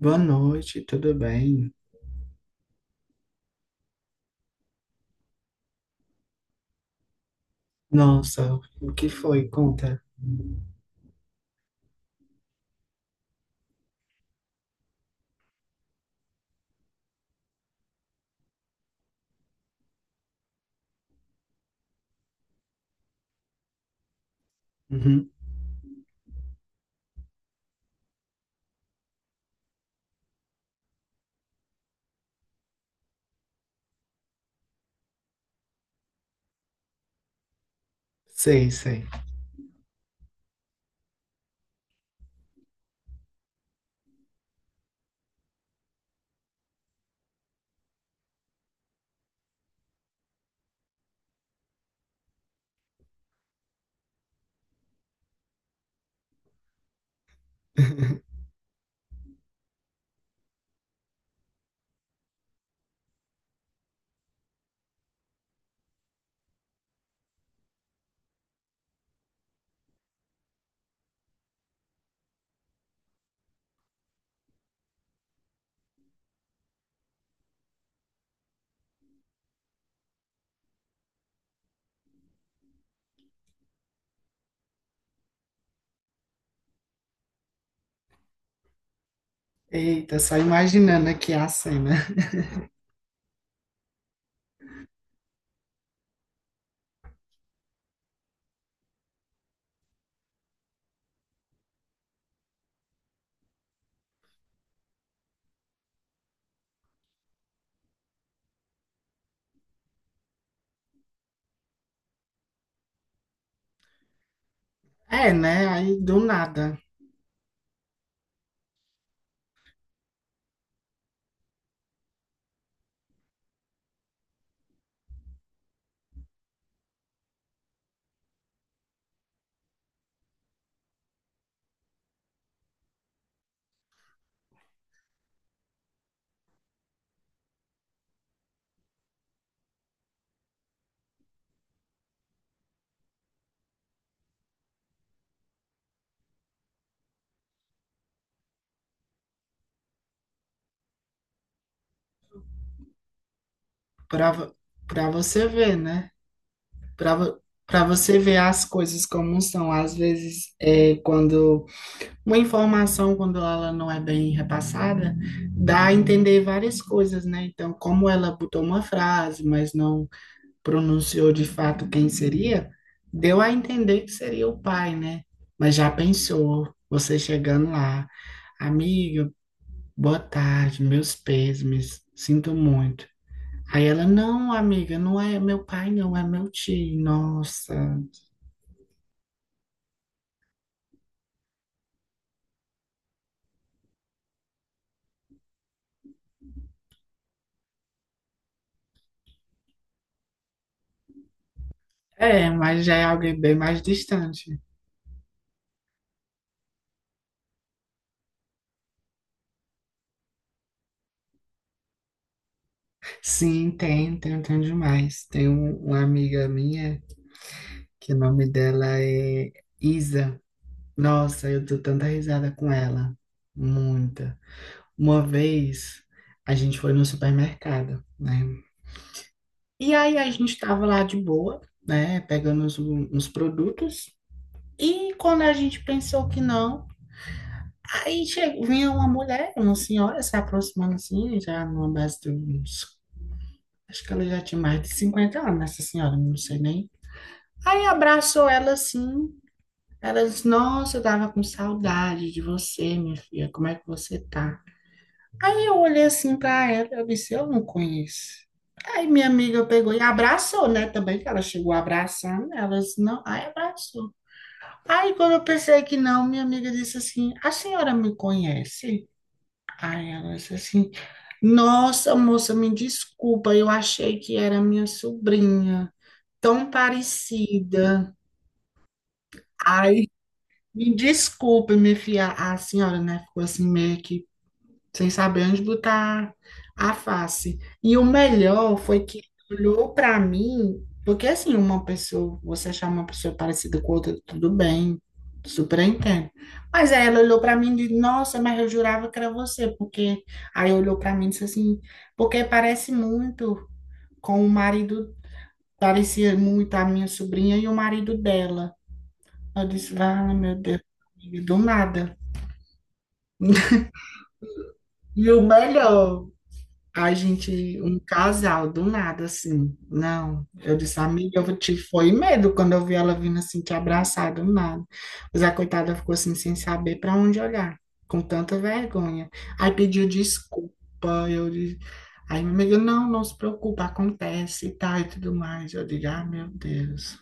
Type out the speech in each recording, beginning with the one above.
Boa noite, tudo bem? Nossa, o que foi? Conta. Uhum. Sei, sei. Eita, só imaginando aqui a cena. É, né? Aí do nada, pra, vo- pra você ver, né? Pra você ver as coisas como são. Às vezes, quando uma informação, quando ela não é bem repassada, dá a entender várias coisas, né? Então, como ela botou uma frase, mas não. pronunciou de fato quem seria, deu a entender que seria o pai, né? Mas já pensou, você chegando lá, amiga, boa tarde, meus pêsames, sinto muito. Aí ela, não, amiga, não é meu pai, não, é meu tio, nossa. É, mas já é alguém bem mais distante. Sim, tem, tem, tem demais. Tem uma amiga minha, que o nome dela é Isa. Nossa, eu dou tanta risada com ela. Muita. Uma vez a gente foi no supermercado, né? E aí a gente estava lá de boa, né? Pegando os produtos. E quando a gente pensou que não, aí chegou, vinha uma mulher, uma senhora se aproximando assim, já numa base de uns. Acho que ela já tinha mais de 50 anos, essa senhora, não sei nem. Aí abraçou ela assim. Ela disse: "Nossa, eu tava com saudade de você, minha filha, como é que você tá?" Aí eu olhei assim pra ela, eu disse, eu não conheço. Aí minha amiga pegou e abraçou, né? Também que ela chegou abraçando, ela disse, não, aí abraçou. Aí quando eu pensei que não, minha amiga disse assim, a senhora me conhece? Aí ela disse assim, nossa moça, me desculpa, eu achei que era minha sobrinha, tão parecida. Aí, me desculpe, minha filha, a senhora, né? Ficou assim meio que sem saber onde botar a face. E o melhor foi que ele olhou para mim, porque assim, uma pessoa, você achar uma pessoa parecida com outra, tudo bem, super entendo. Mas aí ela olhou para mim e disse: "Nossa, mas eu jurava que era você", porque aí olhou para mim e disse assim: "Porque parece muito com o marido, parecia muito a minha sobrinha e o marido dela". Eu disse: "Ah, meu Deus, do nada". E o melhor Ai, gente, um casal, do nada, assim. Não, eu disse, amiga, eu te foi medo quando eu vi ela vindo assim, te abraçar do nada. Mas a coitada ficou assim, sem saber para onde olhar, com tanta vergonha. Aí pediu desculpa, eu disse, aí minha amiga, não, não se preocupa, acontece e tal e tudo mais. Eu digo, ah, meu Deus.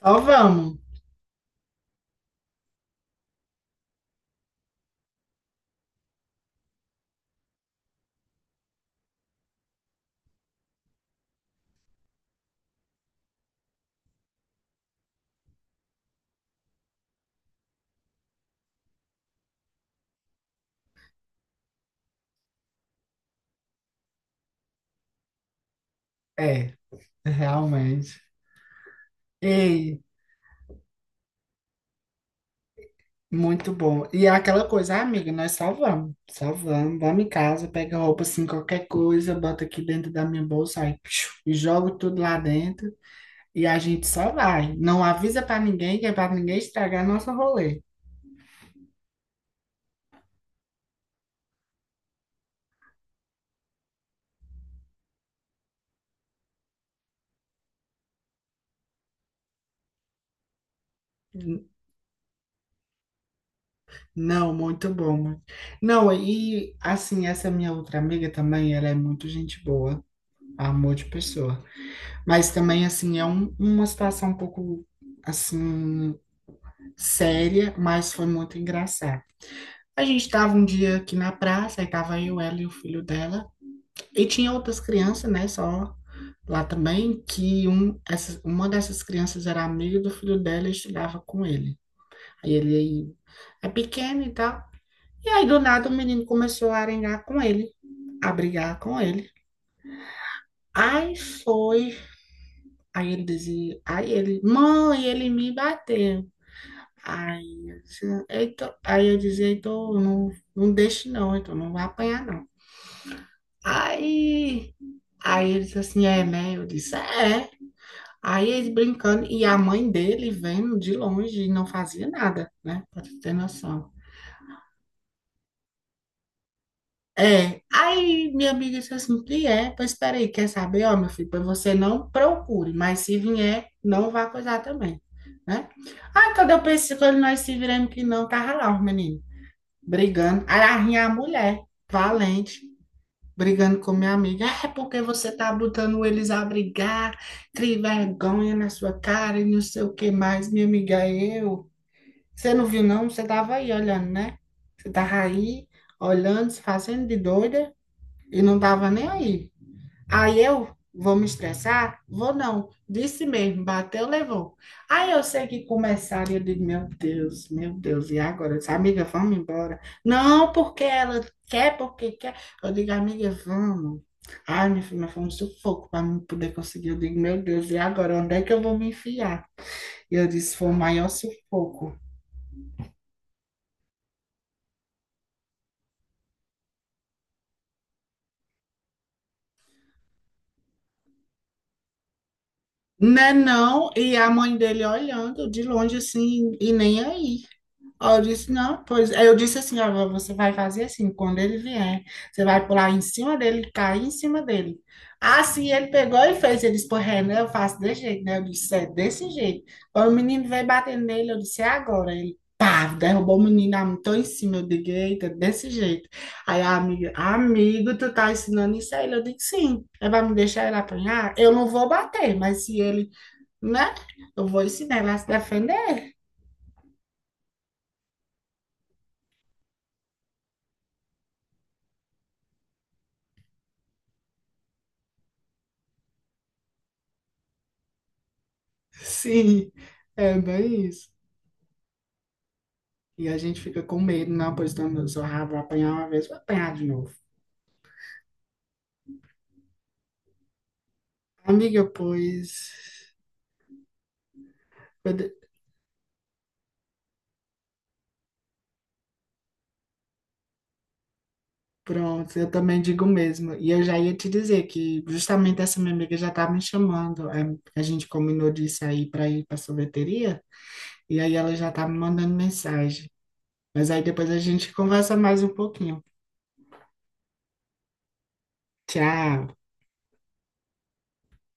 Só vamos. É, realmente. Ei. Muito bom. E é aquela coisa, ah, amiga, nós só vamos, vamos em casa, pega roupa assim, qualquer coisa, bota aqui dentro da minha bolsa aí, psiu, e jogo tudo lá dentro e a gente só vai. Não avisa pra ninguém, que é pra ninguém estragar nosso rolê. N- Não, muito bom. Não, e assim, essa minha outra amiga também, ela é muito gente boa, amor de pessoa. Mas também, assim, é uma situação um pouco, assim, séria, mas foi muito engraçada. A gente tava um dia aqui na praça, aí tava eu, ela e o filho dela. E tinha outras crianças, né, só lá também, que um, essa, uma dessas crianças era amiga do filho dela e estudava com ele. Aí ele aí, é pequeno e tal. E aí do nada o menino começou a arengar com ele, a brigar com ele. Aí foi, aí ele dizia, aí ele, mãe, ele me bateu. Aí eu dizia, "Heitor", aí eu dizia, então não, não deixe não, então não vai apanhar não. Aí, aí eles assim, é, né? Eu disse, é. Aí eles brincando e a mãe dele vendo de longe e não fazia nada, né? Pra tu ter noção. É, aí minha amiga disse assim, e é? Pois espera aí, quer saber? Ó, meu filho, pois você não procure, mas se vier, não vá coisar também, né? Aí quando eu pensei, quando nós se viramos que não, tava lá os meninos brigando. Aí lá vinha a mulher, valente. Brigando com minha amiga. É porque você tá botando eles a brigar, cria vergonha na sua cara e não sei o que mais, minha amiga, eu. Você não viu, não? Você tava aí olhando, né? Você tava aí olhando, se fazendo de doida e não tava nem aí. Aí eu vou me estressar? Vou não. Disse mesmo, bateu, levou. Aí eu sei que começaram, e eu digo, meu Deus, e agora? Eu disse, amiga, vamos embora. Não, porque ela quer, porque quer. Eu digo, amiga, vamos. Ai, minha filha, mas foi um sufoco para mim poder conseguir. Eu digo, meu Deus, e agora? Onde é que eu vou me enfiar? E eu disse, foi o maior sufoco. Né, não? E a mãe dele olhando de longe assim, e nem aí. Aí eu disse, não, pois. Aí eu disse assim, ó, você vai fazer assim, quando ele vier, você vai pular em cima dele, cair em cima dele. Assim ele pegou e fez, ele disse, pô, Renan, eu faço desse jeito, né? Eu disse, é desse jeito. Aí o menino veio batendo nele, eu disse, é agora. Ele, pá, derrubou o menino, amontou em cima, eu digo, eita, desse jeito. Aí a amiga, amigo, tu tá ensinando isso a ele? Eu digo, sim. Ele vai me deixar ele apanhar? Eu não vou bater, mas se ele, né? Eu vou ensinar ele a se defender. Sim, é bem isso. E a gente fica com medo, não, pois então, se eu só ah, vou apanhar uma vez, vou apanhar de novo. Amiga, pois. Pronto, eu também digo o mesmo. E eu já ia te dizer que justamente essa minha amiga já tá me chamando. A gente combinou de sair para ir para sorveteria, e aí ela já tá me mandando mensagem. Mas aí depois a gente conversa mais um pouquinho. Tchau.